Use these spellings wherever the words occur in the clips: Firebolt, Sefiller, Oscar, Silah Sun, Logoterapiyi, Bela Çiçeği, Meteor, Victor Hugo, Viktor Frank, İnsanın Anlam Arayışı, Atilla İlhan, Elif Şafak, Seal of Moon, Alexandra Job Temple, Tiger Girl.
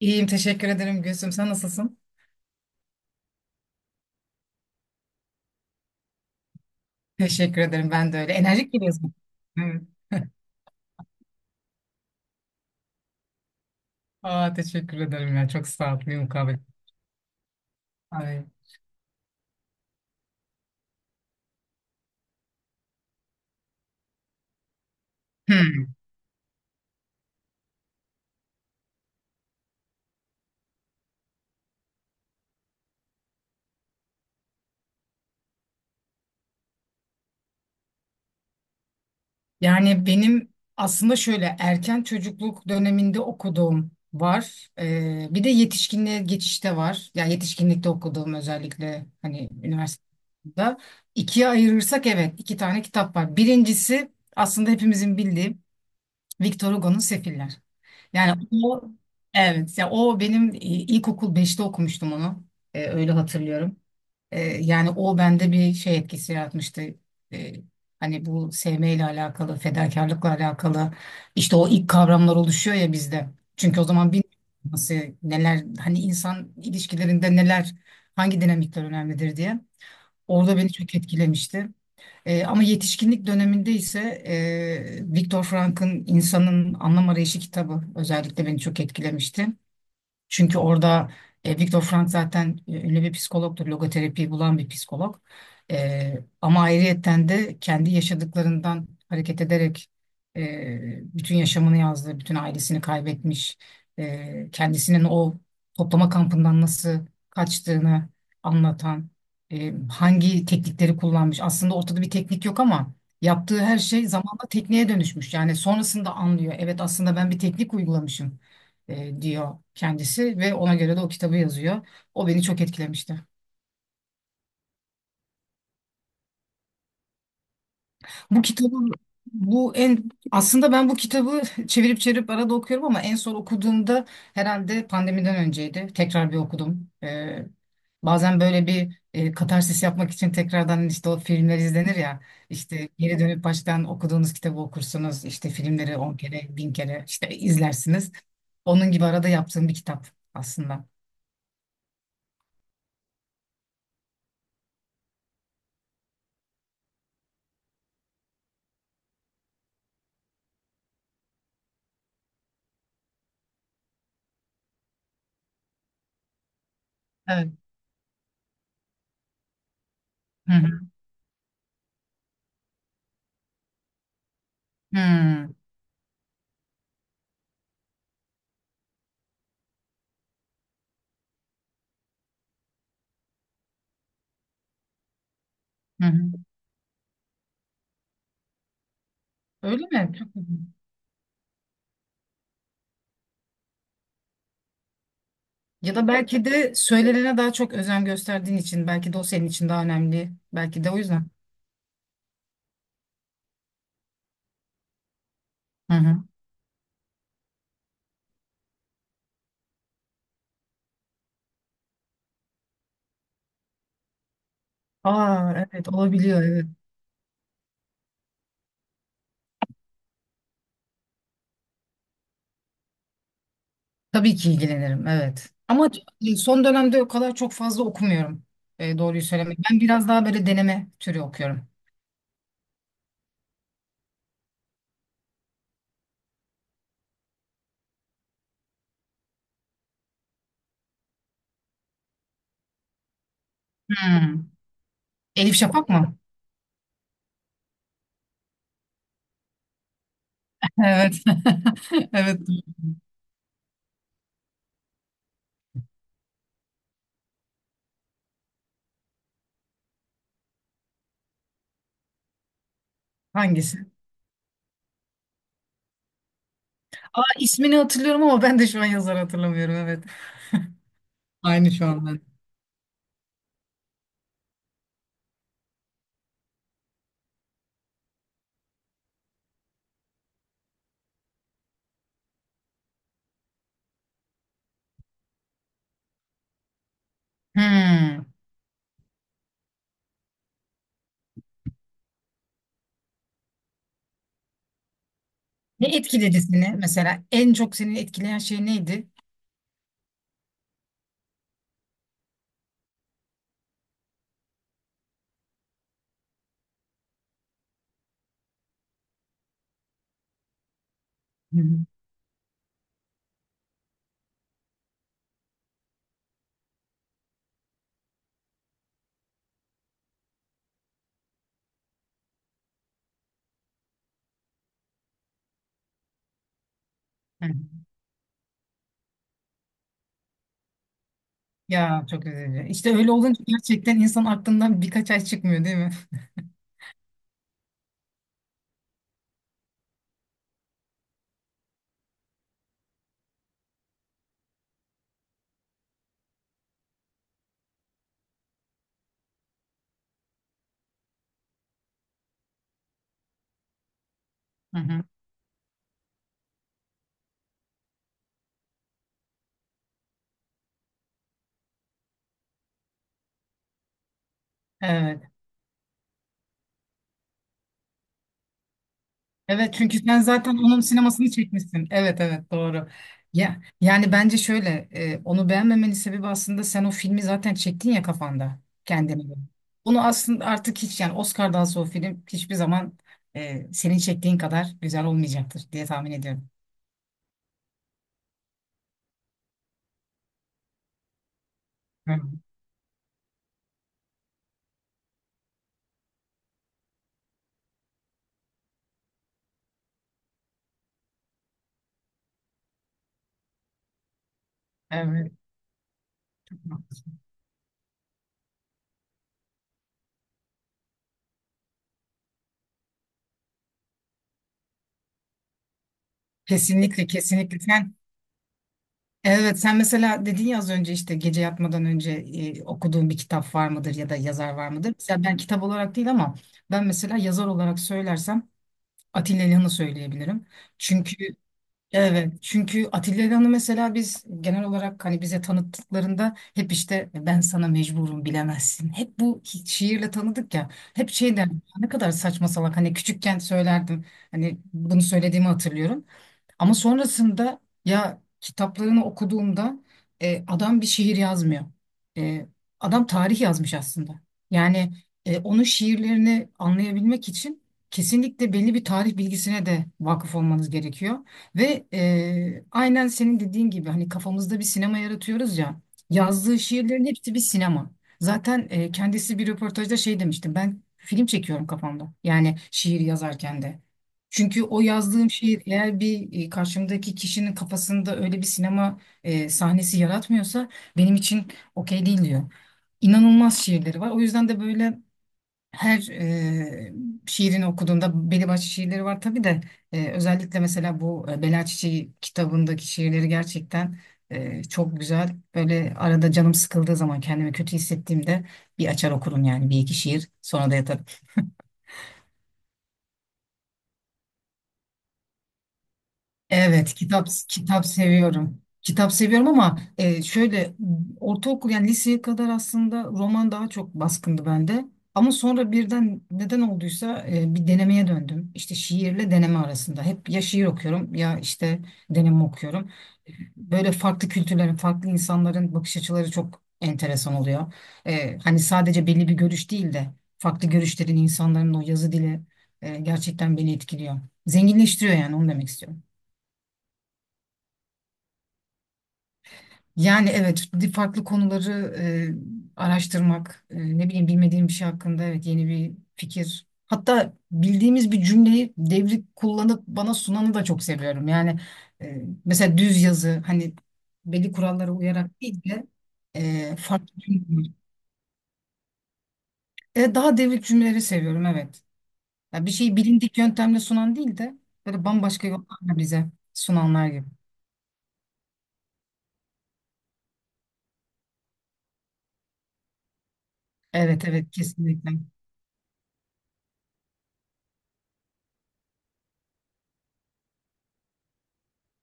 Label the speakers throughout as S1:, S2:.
S1: İyiyim, teşekkür ederim Gülsüm. Sen nasılsın? Teşekkür ederim. Ben de öyle. Enerjik geliyorsun. Evet. Aa, teşekkür ederim ya. Çok sağ ol. Bir mukabele. Ay. Hmm. Yani benim aslında şöyle erken çocukluk döneminde okuduğum var. Bir de yetişkinliğe geçişte var. Ya yetişkinlikte okuduğum özellikle hani üniversitede. İkiye ayırırsak evet 2 tane kitap var. Birincisi aslında hepimizin bildiği Victor Hugo'nun Sefiller. Yani o, evet, ya o benim ilkokul beşte okumuştum onu. Öyle hatırlıyorum. Yani o bende bir şey etkisi yaratmıştı. E, Hani bu sevmeyle alakalı, fedakarlıkla alakalı işte o ilk kavramlar oluşuyor ya bizde. Çünkü o zaman bir nasıl, neler hani insan ilişkilerinde neler, hangi dinamikler önemlidir diye. Orada beni çok etkilemişti. Ama yetişkinlik döneminde ise Viktor Frank'ın İnsanın Anlam Arayışı kitabı özellikle beni çok etkilemişti. Çünkü orada Viktor Frank zaten ünlü bir psikologtur. Logoterapiyi bulan bir psikolog. Ama ayrıyetten de kendi yaşadıklarından hareket ederek bütün yaşamını yazdı. Bütün ailesini kaybetmiş. Kendisinin o toplama kampından nasıl kaçtığını anlatan, hangi teknikleri kullanmış. Aslında ortada bir teknik yok ama yaptığı her şey zamanla tekniğe dönüşmüş. Yani sonrasında anlıyor. Evet aslında ben bir teknik uygulamışım diyor kendisi ve ona göre de o kitabı yazıyor. O beni çok etkilemişti. Bu kitabı, bu en aslında ben bu kitabı çevirip çevirip arada okuyorum ama en son okuduğumda herhalde pandemiden önceydi. Tekrar bir okudum. Bazen böyle bir katarsis yapmak için tekrardan işte o filmler izlenir ya. İşte geri dönüp baştan okuduğunuz kitabı okursunuz. İşte filmleri 10 kere, bin kere işte izlersiniz. Onun gibi arada yaptığım bir kitap aslında. Evet. Hı hı. Hmm. Hı hı. Öyle mi? Çok güzel. Ya da belki de söylenene daha çok özen gösterdiğin için belki de o senin için daha önemli. Belki de o yüzden. Hı hı. Aa, evet olabiliyor, evet. Tabii ki ilgilenirim, evet. Ama son dönemde o kadar çok fazla okumuyorum. Doğruyu söylemek. Ben biraz daha böyle deneme türü okuyorum. Hmm. Elif Şafak mı? Evet. Evet. Hangisi? Aa, ismini hatırlıyorum ama ben de şu an yazarı hatırlamıyorum, evet. Aynı şu an ben. Hmm. Ne etkiledi seni mesela? En çok seni etkileyen şey neydi? Hı hı. Hı hı. Ya çok üzücü. İşte öyle olunca gerçekten insan aklından birkaç ay çıkmıyor değil mi? Hı hı. Evet. Evet, çünkü sen zaten onun sinemasını çekmişsin. Evet, evet, doğru. Ya yani bence şöyle onu beğenmemenin sebebi aslında sen o filmi zaten çektin ya kafanda kendine göre. Bunu aslında artık hiç yani Oscar'dan sonra o film hiçbir zaman senin çektiğin kadar güzel olmayacaktır diye tahmin ediyorum. Hı. Evet. Kesinlikle, kesinlikle sen, evet, sen mesela dedin ya az önce işte gece yatmadan önce okuduğun bir kitap var mıdır ya da yazar var mıdır? Mesela ben kitap olarak değil ama ben mesela yazar olarak söylersem Atilla İlhan'ı söyleyebilirim. Çünkü, evet, çünkü Atilla İlhan'ı mesela biz genel olarak hani bize tanıttıklarında hep işte ben sana mecburum bilemezsin. Hep bu şiirle tanıdık ya. Hep şey derdim, "Ya ne kadar saçma salak," hani küçükken söylerdim. Hani bunu söylediğimi hatırlıyorum. Ama sonrasında ya kitaplarını okuduğumda adam bir şiir yazmıyor. E, Adam tarih yazmış aslında. Yani onun şiirlerini anlayabilmek için kesinlikle belli bir tarih bilgisine de vakıf olmanız gerekiyor. Ve aynen senin dediğin gibi hani kafamızda bir sinema yaratıyoruz ya. Yazdığı şiirlerin hepsi bir sinema. Zaten kendisi bir röportajda şey demişti. Ben film çekiyorum kafamda. Yani şiir yazarken de. Çünkü o yazdığım şiir eğer bir karşımdaki kişinin kafasında öyle bir sinema sahnesi yaratmıyorsa benim için okey değil diyor. İnanılmaz şiirleri var. O yüzden de böyle her şiirini okuduğunda belli başlı şiirleri var tabii de özellikle mesela bu Bela Çiçeği kitabındaki şiirleri gerçekten çok güzel. Böyle arada canım sıkıldığı zaman kendimi kötü hissettiğimde bir açar okurum yani bir iki şiir, sonra da yatarım. Evet, kitap seviyorum. Kitap seviyorum ama şöyle ortaokul yani liseye kadar aslında roman daha çok baskındı bende. Ama sonra birden neden olduysa bir denemeye döndüm. İşte şiirle deneme arasında. Hep ya şiir okuyorum ya işte deneme okuyorum. Böyle farklı kültürlerin, farklı insanların bakış açıları çok enteresan oluyor. Hani sadece belli bir görüş değil de farklı görüşlerin insanların o yazı dili gerçekten beni etkiliyor. Zenginleştiriyor yani, onu demek istiyorum. Yani evet, farklı konuları araştırmak, ne bileyim bilmediğim bir şey hakkında, evet, yeni bir fikir. Hatta bildiğimiz bir cümleyi devrip kullanıp bana sunanı da çok seviyorum. Yani mesela düz yazı hani belli kurallara uyarak değil de farklı cümleler. Daha devrik cümleleri seviyorum, evet. Ya bir şeyi bilindik yöntemle sunan değil de böyle bambaşka yollarla bize sunanlar gibi. Evet, evet, kesinlikle.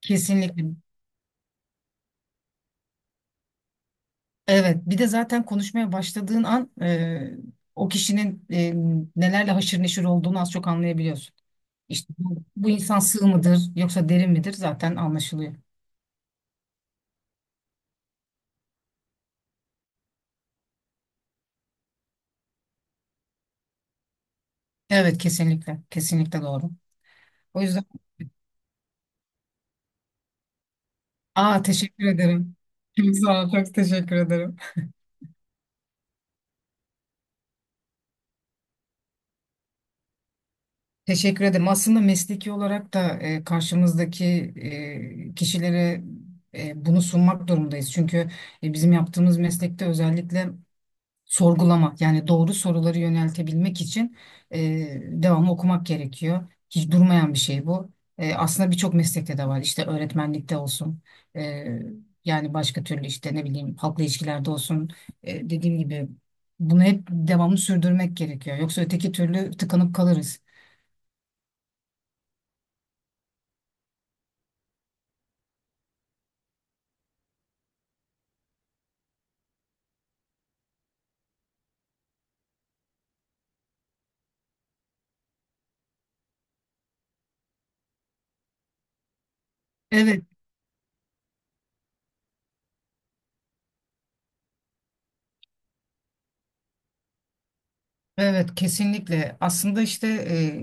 S1: Kesinlikle. Evet, bir de zaten konuşmaya başladığın an o kişinin nelerle haşır neşir olduğunu az çok anlayabiliyorsun. İşte bu insan sığ mıdır yoksa derin midir zaten anlaşılıyor. Evet, kesinlikle, kesinlikle doğru. O yüzden, aa, teşekkür ederim. Çok sağ ol, çok teşekkür ederim. Teşekkür ederim. Aslında mesleki olarak da karşımızdaki kişilere bunu sunmak durumdayız. Çünkü bizim yaptığımız meslekte özellikle sorgulamak yani doğru soruları yöneltebilmek için e, devamlı okumak gerekiyor. Hiç durmayan bir şey bu. Aslında birçok meslekte de var işte öğretmenlikte olsun, e, yani başka türlü işte ne bileyim halkla ilişkilerde olsun. Dediğim gibi bunu hep devamlı sürdürmek gerekiyor. Yoksa öteki türlü tıkanıp kalırız. Evet. Evet, kesinlikle. Aslında işte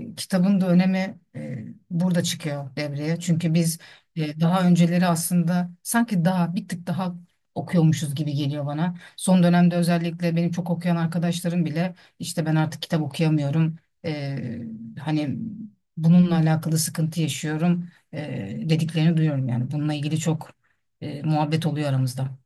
S1: kitabın da önemi burada çıkıyor devreye, çünkü biz daha önceleri aslında sanki daha bir tık daha okuyormuşuz gibi geliyor bana. Son dönemde özellikle benim çok okuyan arkadaşlarım bile işte ben artık kitap okuyamıyorum, E, hani bununla alakalı sıkıntı yaşıyorum, dediklerini duyuyorum. Yani bununla ilgili çok muhabbet oluyor aramızda.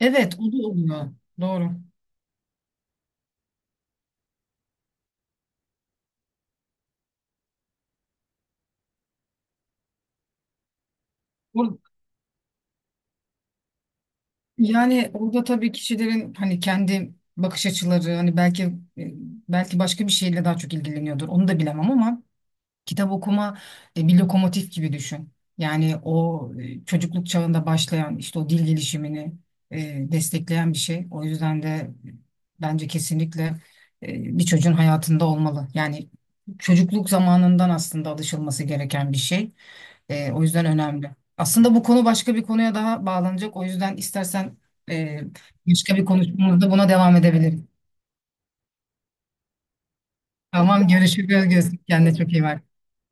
S1: Evet, o da oluyor, doğru. Yani orada tabii kişilerin hani kendi bakış açıları, hani belki e, belki başka bir şeyle daha çok ilgileniyordur. Onu da bilemem, ama kitap okuma bir lokomotif gibi düşün. Yani o çocukluk çağında başlayan işte o dil gelişimini e, destekleyen bir şey. O yüzden de bence kesinlikle bir çocuğun hayatında olmalı. Yani çocukluk zamanından aslında alışılması gereken bir şey. O yüzden önemli. Aslında bu konu başka bir konuya daha bağlanacak. O yüzden istersen e, başka bir konuşmamızda buna devam edebiliriz. Tamam, görüşürüz. Kendine çok iyi bak.